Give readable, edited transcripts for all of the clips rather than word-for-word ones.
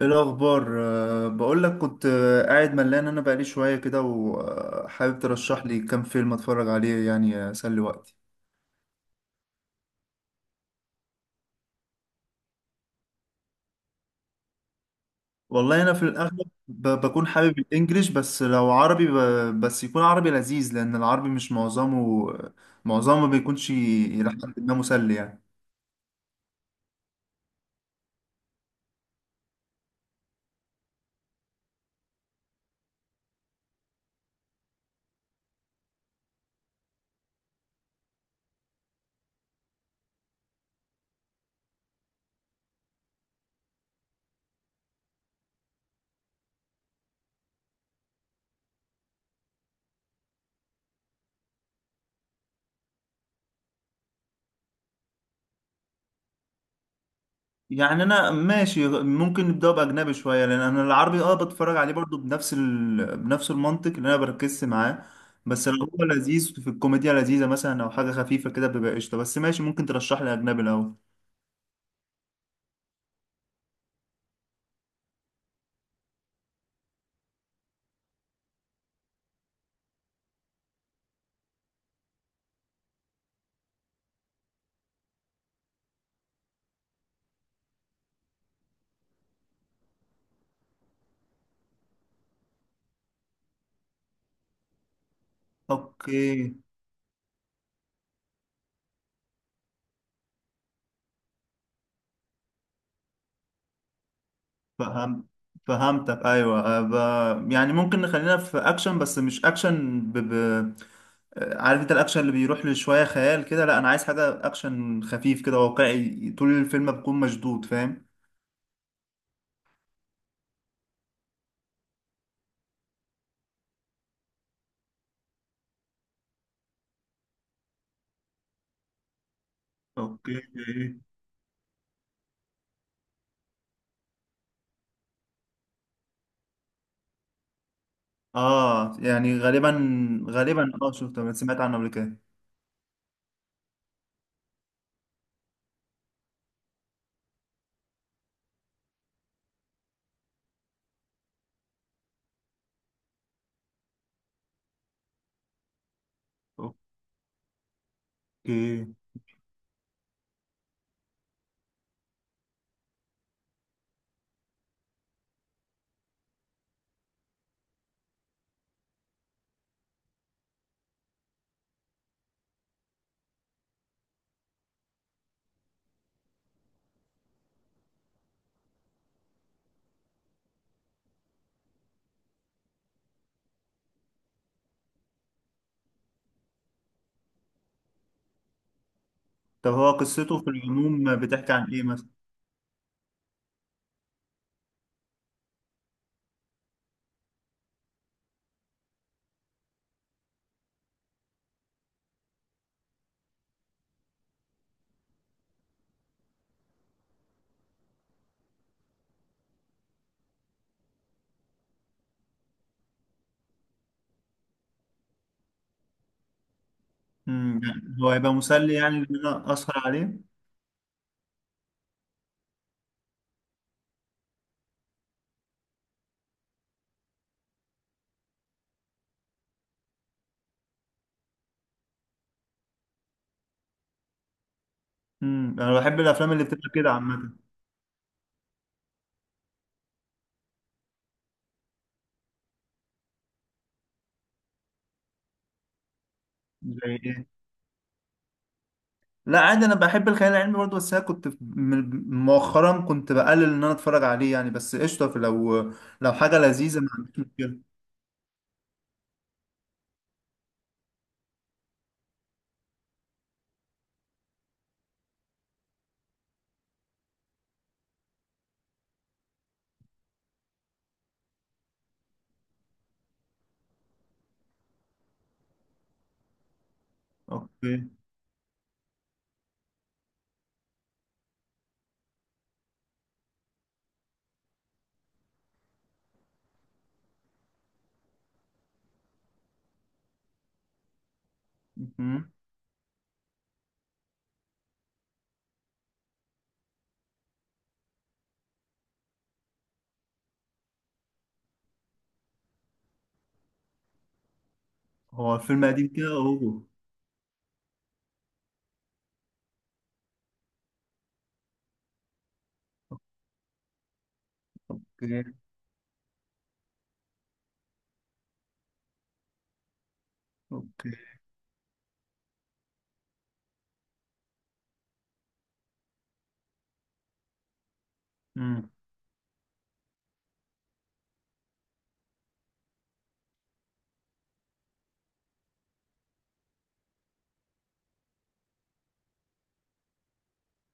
ايه الاخبار بقول لك كنت قاعد ملان، انا بقالي شويه كده وحابب ترشح لي كام فيلم اتفرج عليه، يعني اسلي وقتي. والله انا في الاغلب بكون حابب الانجليش، بس لو عربي بس يكون عربي لذيذ، لان العربي مش معظمه ما بيكونش الى حد ما مسلي. يعني انا ماشي، ممكن نبدأ باجنبي شويه، لان انا العربي اه بتفرج عليه برضو بنفس المنطق اللي انا بركز معاه. بس لو هو لذيذ في الكوميديا لذيذه مثلا، او حاجه خفيفه كده بيبقى قشطه، بس ماشي ممكن ترشح لي اجنبي الاول. اوكي. فهم فهمتك، ايوه، يعني ممكن نخلينا في اكشن، بس مش اكشن ب... ب... آه، عارف انت الاكشن اللي بيروح لشويه خيال كده، لا انا عايز حاجه اكشن خفيف كده واقعي، طول الفيلم بكون مشدود، فاهم. اوكي. اه، يعني غالبا اه شفته، أنا سمعت عنه قبل كده. اوكي. طب هو قصته في العموم بتحكي عن ايه مثلا؟ يعني هو هيبقى مسلي يعني ان انا اسهر عليه؟ انا بحب الافلام اللي بتبقى كده عامه. زي ايه؟ لا عادي، انا بحب الخيال العلمي برضه، بس انا كنت مؤخرا كنت بقلل ان انا اتفرج عليه يعني، بس قشطه، في لو حاجه لذيذه ما عنديش مشكله. اوكي. مهم. هو الفيلم قديم كده؟ اوه اوكي. اوكي. مم.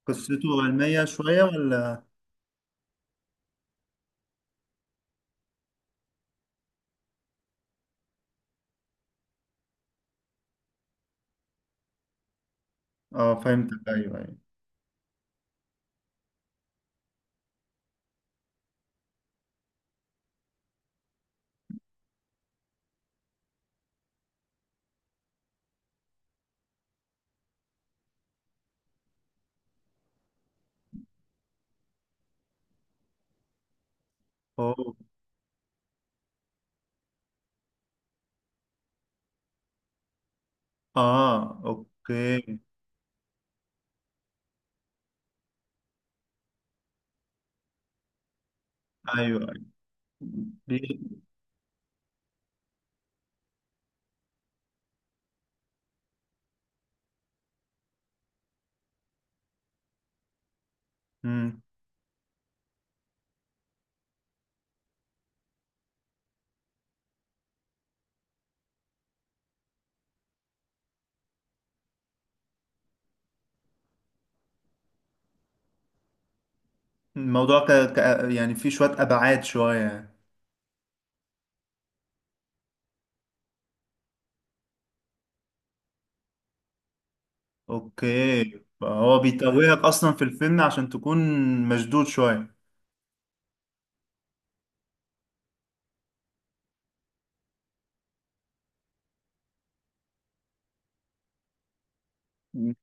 قصته علمية شوية ولا؟ اه فهمتك، ايوه ايوه. اوه. اه اوكي. ايوه ايوه. بي- مم. الموضوع يعني فيه شوية ابعاد شوية. اوكي، هو بيتوهك اصلا في الفيلم عشان تكون مشدود شوية. مم.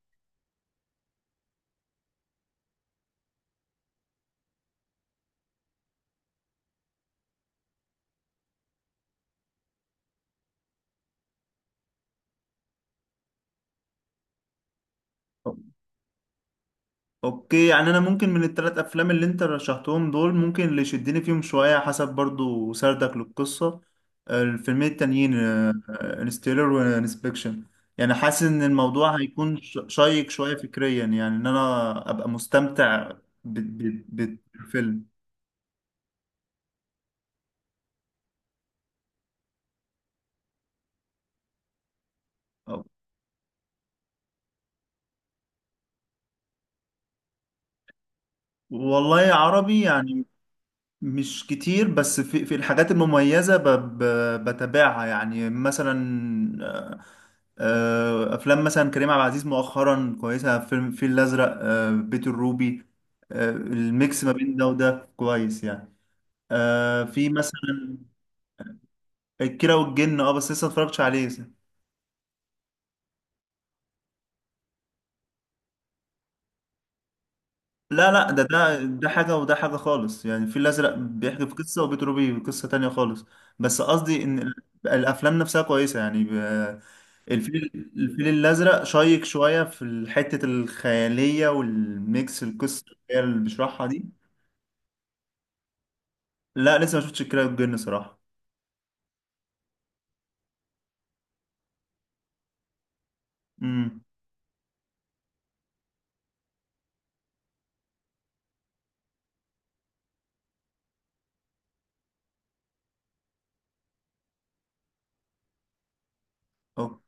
اوكي، يعني انا ممكن من الثلاث افلام اللي انت رشحتهم دول، ممكن اللي يشدني فيهم شويه حسب برضو سردك للقصه الفيلمين التانيين انستيلر وانسبكشن، يعني حاسس ان الموضوع هيكون شيق شويه فكريا يعني ان انا ابقى مستمتع ب- بالفيلم. والله عربي يعني مش كتير، بس في الحاجات المميزة ب ب بتابعها يعني، مثلا، آه، أفلام مثلا كريم عبد العزيز مؤخرا كويسة، فيلم الفيل الأزرق، بيت الروبي، الميكس ما بين ده وده كويس يعني. في مثلا الكيرة والجن، اه بس لسه متفرجتش عليه. لا لا، ده حاجة وده حاجة خالص يعني، الفيل الأزرق بيحكي في قصة وبيتروبي في قصة تانية خالص. بس قصدي إن الأفلام نفسها كويسة يعني، الفيل الأزرق شيق شوية في حتة الخيالية والميكس القصة اللي بيشرحها دي. لا لسه ما شفتش الكيرة والجن صراحة. امم. أوكي.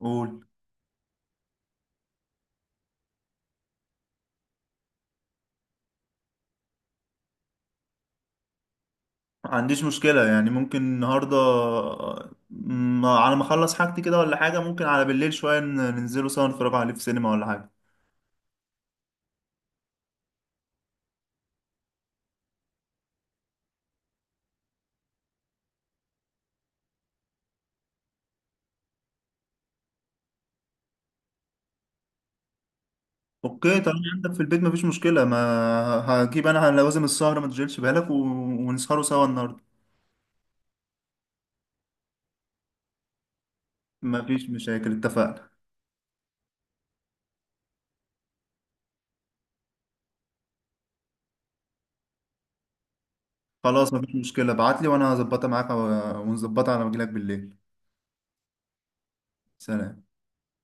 قول. ما عنديش مشكلة، يعني ممكن النهاردة على ما أخلص حاجتي كده، ولا حاجة ممكن على بالليل شوية، ننزلوا سوا نتفرجوا عليه في سينما ولا حاجة. اوكي طالما عندك في البيت مفيش مشكلة، ما هجيب انا لوازم السهرة، ما تشغلش بالك و... ونسهروا سوا النهاردة. مفيش مشاكل اتفقنا. خلاص مفيش مشكلة، ابعتلي وانا هظبطها معاك ونظبطها على ما اجيلك بالليل. سلام.